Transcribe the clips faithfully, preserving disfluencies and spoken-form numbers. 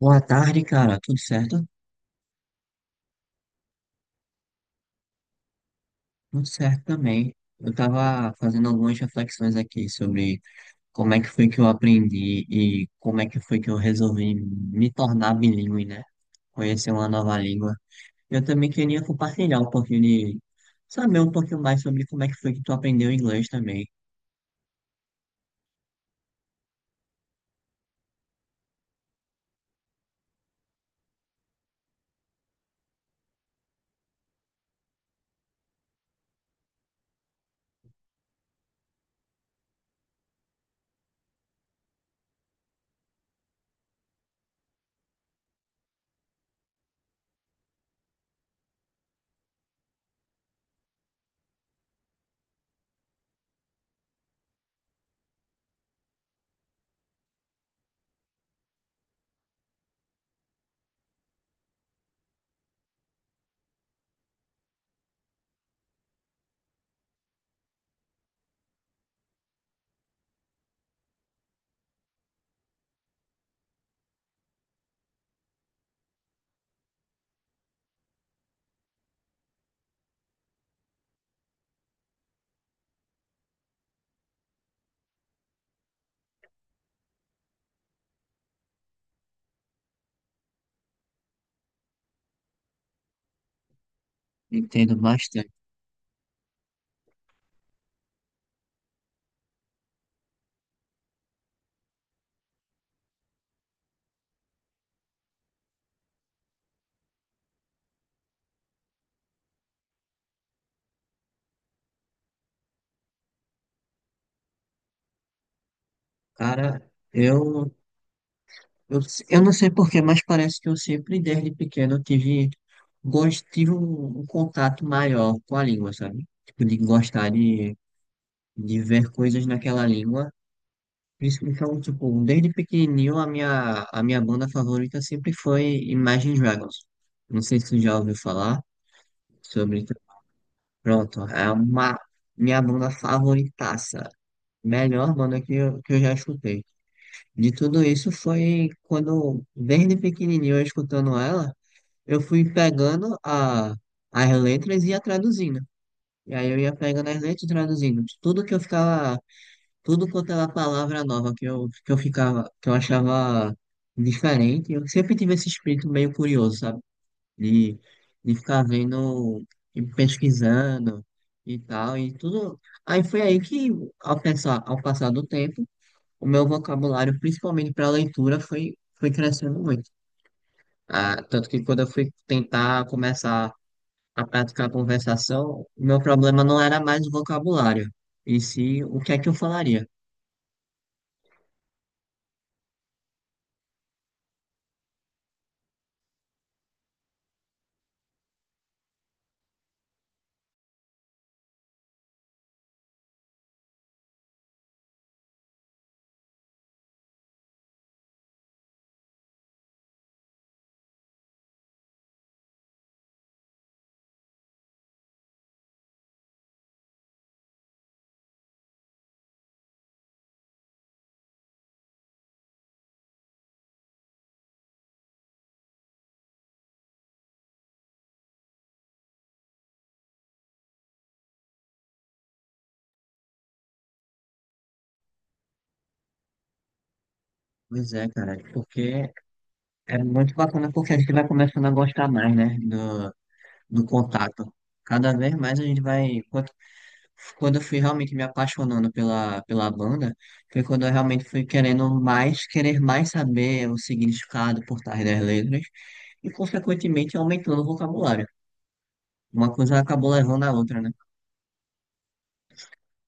Boa tarde, cara. Tudo certo? Tudo certo também. Eu tava fazendo algumas reflexões aqui sobre como é que foi que eu aprendi e como é que foi que eu resolvi me tornar bilíngue, né? Conhecer uma nova língua. Eu também queria compartilhar um pouquinho de... Saber um pouquinho mais sobre como é que foi que tu aprendeu inglês também. Entendo bastante. Cara, eu Eu, eu não sei porquê, mas parece que eu sempre, desde pequeno, tive, gost, tive um, um contato maior com a língua, sabe? Tipo, de gostar de, de ver coisas naquela língua. Por isso que, Então, tipo, desde pequenininho, a minha, a minha banda favorita sempre foi Imagine Dragons. Não sei se você já ouviu falar sobre... Pronto, é uma minha banda favoritaça. Melhor banda que eu, que eu já escutei. De tudo isso foi quando, desde pequenininho, eu escutando ela, eu fui pegando a, as letras e ia traduzindo. E aí eu ia pegando as letras e traduzindo. Tudo que eu ficava, tudo quanto era palavra nova que eu, que eu ficava, que eu achava diferente. Eu sempre tive esse espírito meio curioso, sabe? De, de ficar vendo e pesquisando e tal, e tudo. Aí foi aí que, ao pensar, Ao passar do tempo, o meu vocabulário, principalmente para leitura, foi, foi crescendo muito. Ah, tanto que quando eu fui tentar começar a prática da conversação, o meu problema não era mais o vocabulário, e sim o que é que eu falaria. Pois é, cara, porque é muito bacana porque a gente vai começando a gostar mais, né, do, do contato. Cada vez mais a gente vai. Quando, quando eu fui realmente me apaixonando pela, pela banda, foi quando eu realmente fui querendo mais, querer mais saber o significado por trás das letras, e consequentemente aumentando o vocabulário. Uma coisa acabou levando a outra, né?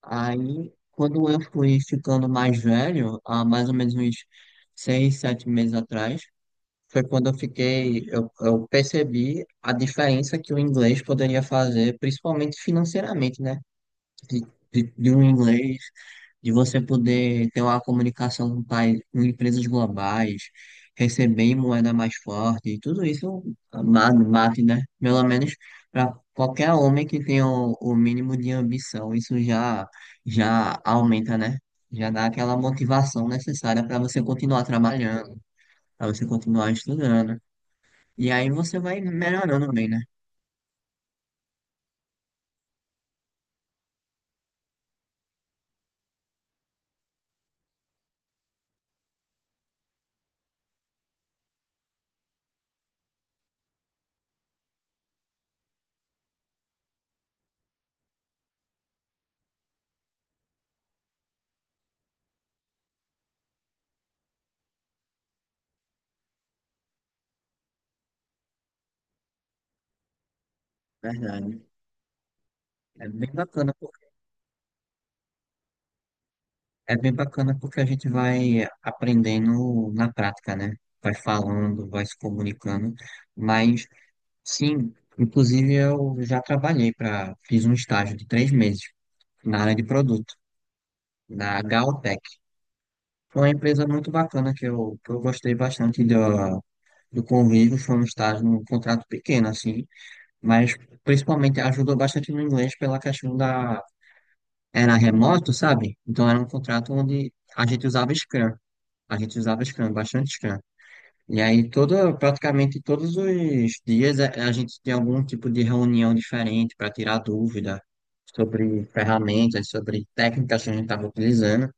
Aí, quando eu fui ficando mais velho, há mais ou menos uns seis, sete meses atrás, foi quando eu fiquei, eu, eu percebi a diferença que o inglês poderia fazer, principalmente financeiramente, né? de, de, de um inglês, de você poder ter uma comunicação com, país, com empresas globais, receber em moeda mais forte, e tudo isso ma- bate, né? Pelo menos para qualquer homem que tenha o, o mínimo de ambição, isso já, já aumenta, né? Já dá aquela motivação necessária para você continuar trabalhando, para você continuar estudando. E aí você vai melhorando bem, né? Verdade. É bem bacana. É bem bacana porque a gente vai aprendendo na prática, né? Vai falando, vai se comunicando. Mas, sim, inclusive eu já trabalhei para, fiz um estágio de três meses na área de produto, na Galtech. Foi uma empresa muito bacana que eu, que eu gostei bastante do, do convívio. Foi um estágio, um contrato pequeno, assim, mas principalmente ajudou bastante no inglês pela questão da era remoto, sabe? Então era um contrato onde a gente usava Scrum. A gente usava Scrum, bastante Scrum. E aí toda, praticamente todos os dias a, a gente tinha algum tipo de reunião diferente para tirar dúvida sobre ferramentas, sobre técnicas que a gente estava utilizando.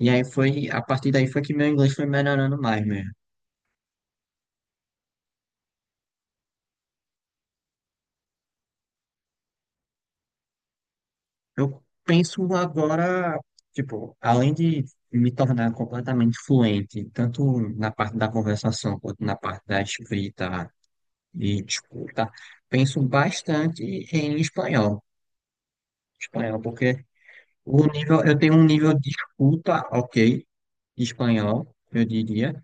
E aí foi, a partir daí foi que meu inglês foi melhorando mais mesmo. Eu penso agora, tipo, além de me tornar completamente fluente, tanto na parte da conversação quanto na parte da escrita, e escuta, penso bastante em espanhol. Espanhol, porque o nível, eu tenho um nível de escuta, ok, de espanhol, eu diria.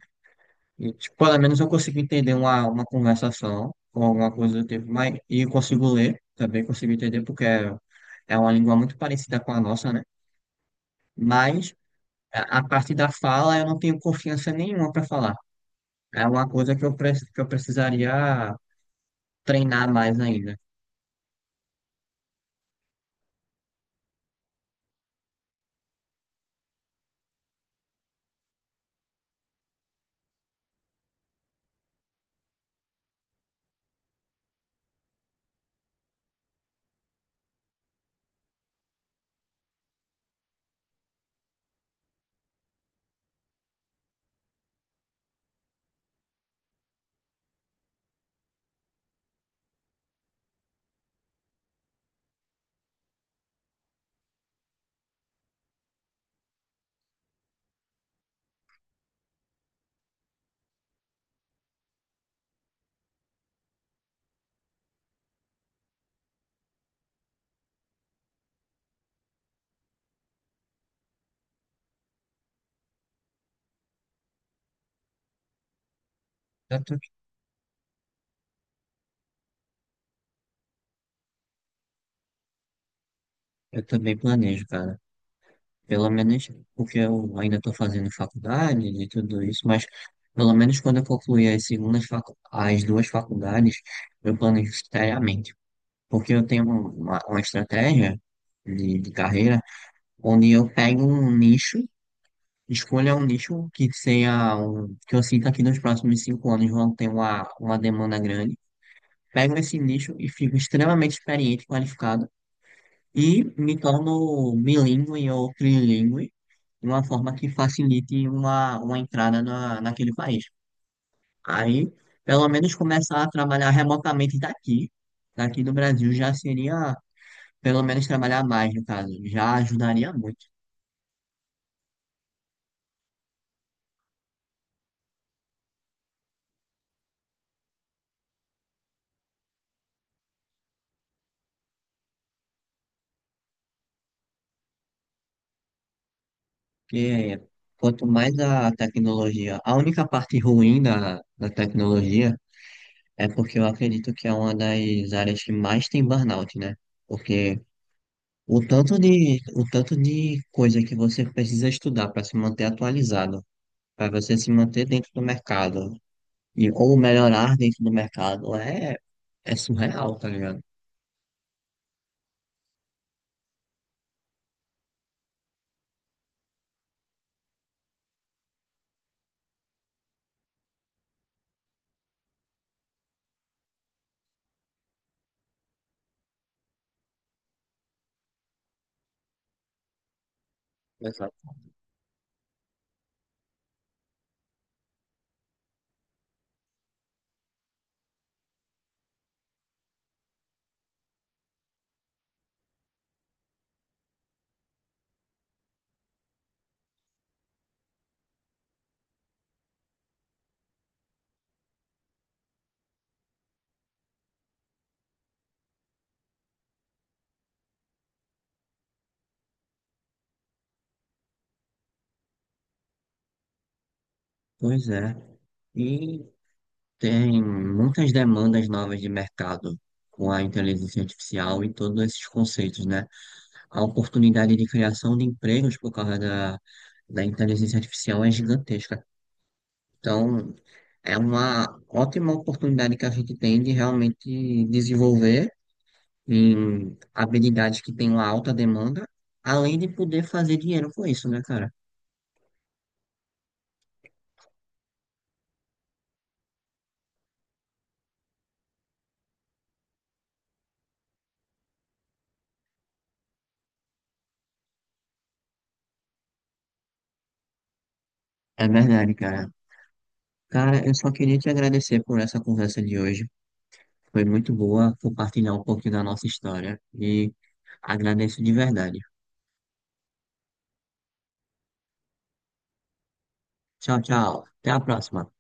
E, tipo, pelo menos eu consigo entender uma, uma conversação ou alguma coisa do tipo, mas e consigo ler, também consigo entender, porque é, é uma língua muito parecida com a nossa, né? Mas a, a parte da fala eu não tenho confiança nenhuma para falar. É uma coisa que eu, pre- que eu precisaria treinar mais ainda. Eu, tô- eu também planejo, cara. Pelo menos porque eu ainda estou fazendo faculdade e tudo isso, mas pelo menos quando eu concluir as segundas facu as duas faculdades, eu planejo seriamente. Porque eu tenho uma, uma estratégia de, de carreira onde eu pego um nicho, escolho um nicho que seja um, que eu sinta que nos próximos cinco anos vão ter uma, uma demanda grande. Pego esse nicho e fico extremamente experiente, e qualificado e me torno bilíngue ou trilingue de uma forma que facilite uma, uma entrada na, naquele país. Aí, pelo menos começar a trabalhar remotamente daqui, daqui do Brasil já seria, pelo menos trabalhar mais, no caso, já ajudaria muito. Porque quanto mais a tecnologia, a única parte ruim da, da tecnologia é porque eu acredito que é uma das áreas que mais tem burnout, né? Porque o tanto de, o tanto de coisa que você precisa estudar para se manter atualizado, para você se manter dentro do mercado, e, ou melhorar dentro do mercado, é, é surreal, tá ligado? Exato. Pois é. E tem muitas demandas novas de mercado com a inteligência artificial e todos esses conceitos, né? A oportunidade de criação de empregos por causa da, da inteligência artificial é gigantesca. Então, é uma ótima oportunidade que a gente tem de realmente desenvolver em habilidades que têm uma alta demanda, além de poder fazer dinheiro com isso, né, cara? É verdade, cara. Cara, eu só queria te agradecer por essa conversa de hoje. Foi muito boa compartilhar um pouquinho da nossa história e agradeço de verdade. Tchau, tchau. Até a próxima.